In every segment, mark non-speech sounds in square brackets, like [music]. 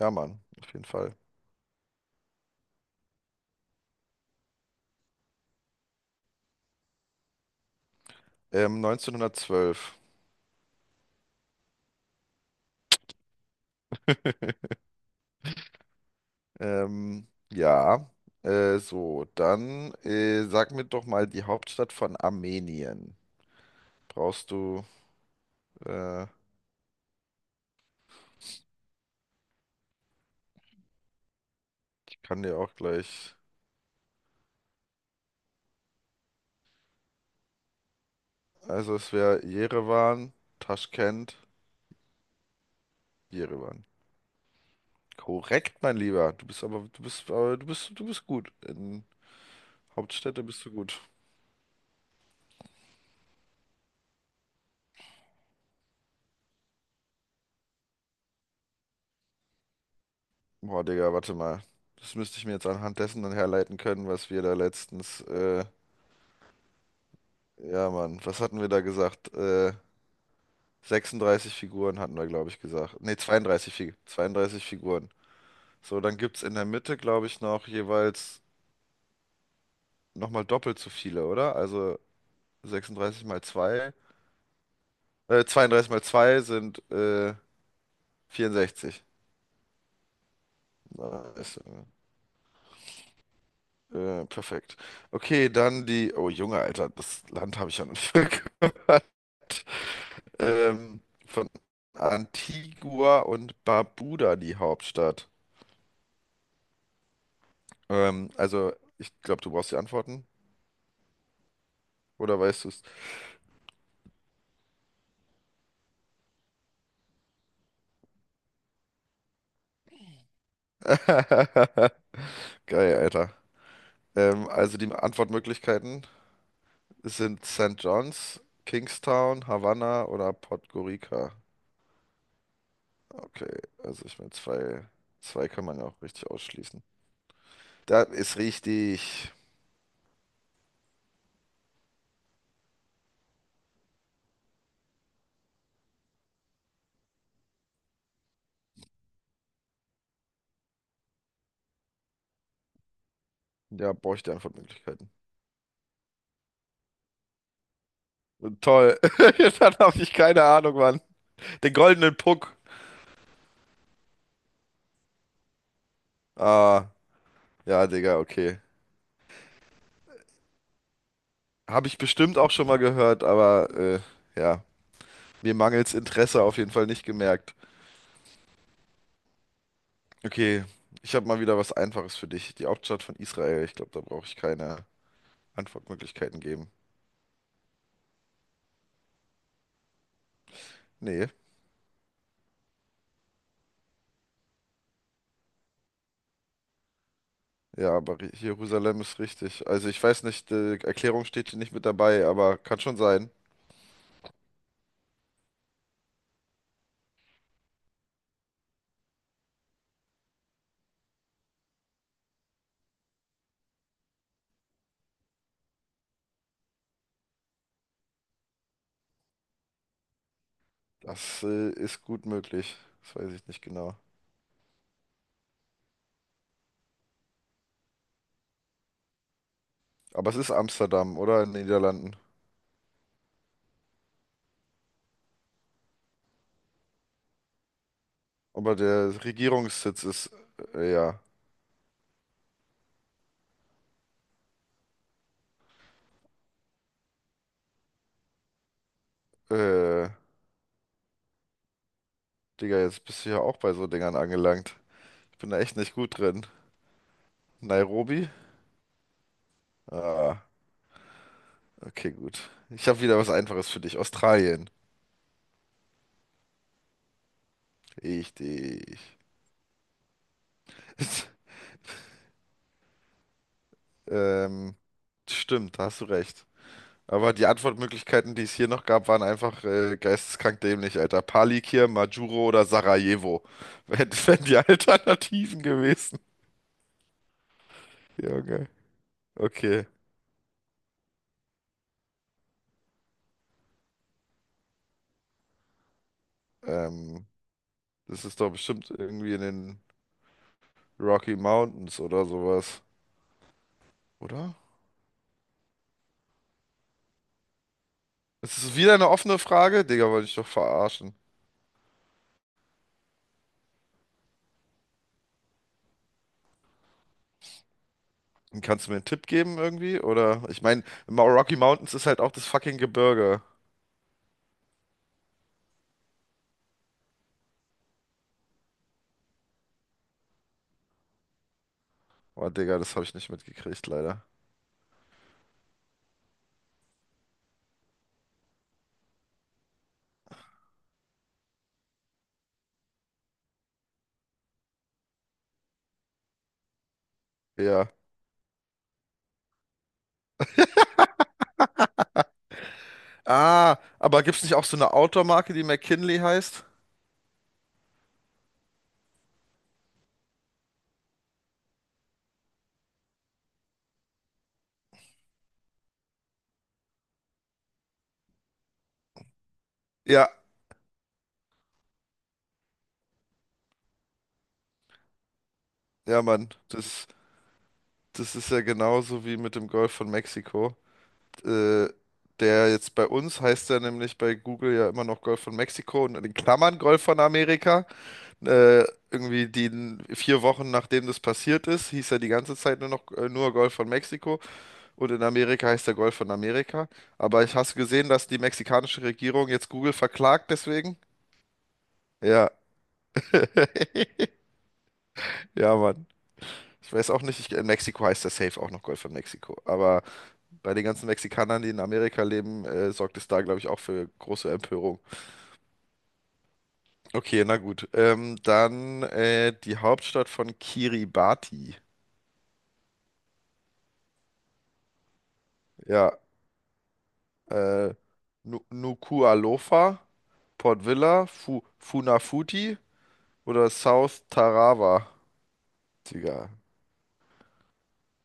Ja, Mann, auf jeden Fall. 1912. Ähm, ja, Dann sag mir doch mal die Hauptstadt von Armenien. Brauchst du, äh, Ich kann dir auch gleich. Also es wäre Jerewan, Taschkent, Jerewan. Korrekt, mein Lieber. Du bist aber, du bist, aber du bist gut. In Hauptstädte bist du gut. Boah, Digga, warte mal. Das müsste ich mir jetzt anhand dessen dann herleiten können, was wir da letztens ja, Mann, was hatten wir da gesagt? 36 Figuren hatten wir, glaube ich, gesagt. Nee, 32, 32 Figuren. So, dann gibt's in der Mitte, glaube ich, noch jeweils nochmal doppelt so viele, oder? Also 36 mal zwei. 32 mal 2 sind 64. Nice. Perfekt. Okay, dann die. Oh, Junge, Alter, das Land habe ich ja noch nicht [laughs] gehört. Von Antigua und Barbuda die Hauptstadt. Ähm, also, Ich glaube, du brauchst die Antworten. Oder weißt du es? [laughs] Geil, Alter. Also die Antwortmöglichkeiten sind St. John's, Kingstown, Havanna oder Podgorica. Okay, also ich meine, zwei kann man ja auch richtig ausschließen. Da ist richtig. Ja, brauche ich die Antwortmöglichkeiten. Toll. [laughs] Dann habe ich keine Ahnung, Mann. Den goldenen Puck. Ah, ja, Digga, okay. Habe ich bestimmt auch schon mal gehört, aber ja. Mir mangels Interesse auf jeden Fall nicht gemerkt. Okay, ich habe mal wieder was Einfaches für dich. Die Hauptstadt von Israel. Ich glaube, da brauche ich keine Antwortmöglichkeiten geben. Nee, ja, aber Jerusalem ist richtig. Also ich weiß nicht, die Erklärung steht hier nicht mit dabei, aber kann schon sein. Das ist gut möglich. Das weiß ich nicht genau. Aber es ist Amsterdam, oder? In den Niederlanden. Aber der Regierungssitz ist, ja. Äh, Digga, jetzt bist du ja auch bei so Dingern angelangt. Ich bin da echt nicht gut drin. Nairobi? Ah. Okay, gut. Ich habe wieder was Einfaches für dich. Australien. Richtig. [laughs] Ähm, stimmt, da hast du recht. Aber die Antwortmöglichkeiten, die es hier noch gab, waren einfach geisteskrank dämlich, Alter. Palikir, Majuro oder Sarajevo. [laughs] Wären die Alternativen gewesen. Junge. Okay. Ähm, das ist doch bestimmt irgendwie in den Rocky Mountains oder sowas. Oder? Es ist wieder eine offene Frage? Digga, wollte ich doch verarschen. Kannst du mir einen Tipp geben irgendwie? Oder ich meine, Rocky Mountains ist halt auch das fucking Gebirge. Oh, Digga, das habe ich nicht mitgekriegt, leider. Ja. Ah, aber gibt's nicht auch so eine Outdoor-Marke, die McKinley heißt? Ja, ja, Mann. Das ist ja genauso wie mit dem Golf von Mexiko. Äh, Der jetzt bei uns heißt ja nämlich bei Google ja immer noch Golf von Mexiko und in den Klammern Golf von Amerika. Äh, irgendwie die vier Wochen nachdem das passiert ist, hieß er die ganze Zeit nur noch nur Golf von Mexiko. Und in Amerika heißt der Golf von Amerika. Aber ich hast du gesehen, dass die mexikanische Regierung jetzt Google verklagt deswegen? Ja, [laughs] ja, Mann. Ich weiß auch nicht, ich, in Mexiko heißt der Safe auch noch Golf von Mexiko. Aber bei den ganzen Mexikanern, die in Amerika leben, sorgt es da, glaube ich, auch für große Empörung. Okay, na gut. Dann Die Hauptstadt von Kiribati. Ja, äh, Nuku'alofa, Port Vila, Fu Funafuti oder South Tarawa. Digga,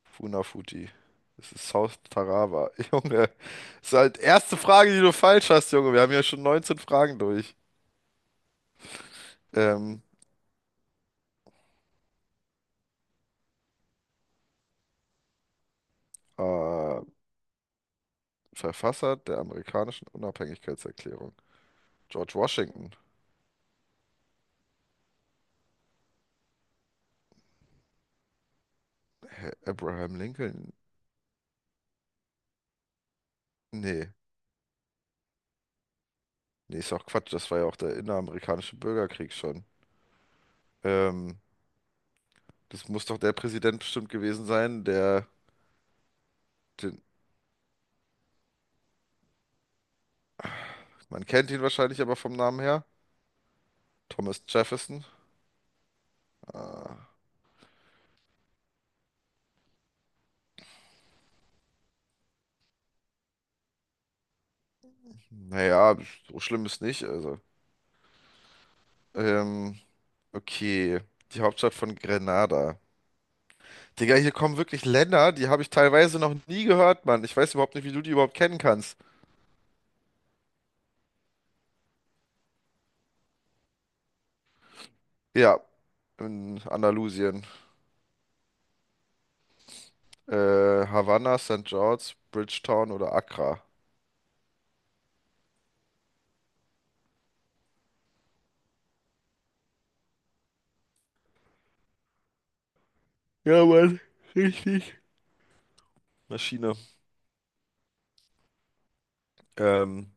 Funafuti. Das ist South Tarawa. [laughs] Junge, das ist halt erste Frage, die du falsch hast, Junge. Wir haben ja schon 19 Fragen durch. Ähm, äh, Verfasser der amerikanischen Unabhängigkeitserklärung. George Washington. Abraham Lincoln. Nee, nee, ist auch Quatsch. Das war ja auch der inneramerikanische Bürgerkrieg schon. Ähm, das muss doch der Präsident bestimmt gewesen sein, der, den, man kennt ihn wahrscheinlich aber vom Namen her. Thomas Jefferson. Ah, naja, so schlimm ist nicht. Also. Ähm, okay. Die Hauptstadt von Grenada. Digga, hier kommen wirklich Länder, die habe ich teilweise noch nie gehört, Mann. Ich weiß überhaupt nicht, wie du die überhaupt kennen kannst. Ja, in Andalusien. Äh, Havanna, St. George, Bridgetown oder Accra. Ja, Mann, richtig. Maschine. Ähm,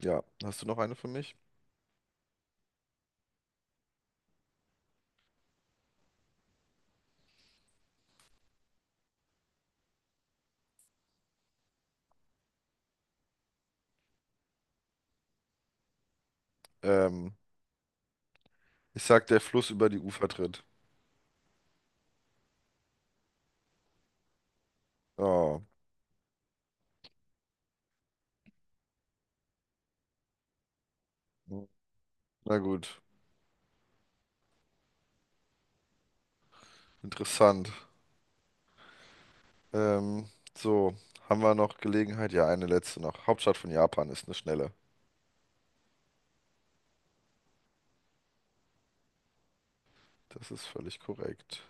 ja, hast du noch eine für mich? Ähm, ich sag, der Fluss über die Ufer tritt. Oh, na gut. Interessant. Ähm, so, haben wir noch Gelegenheit? Ja, eine letzte noch. Hauptstadt von Japan ist eine schnelle. Das ist völlig korrekt.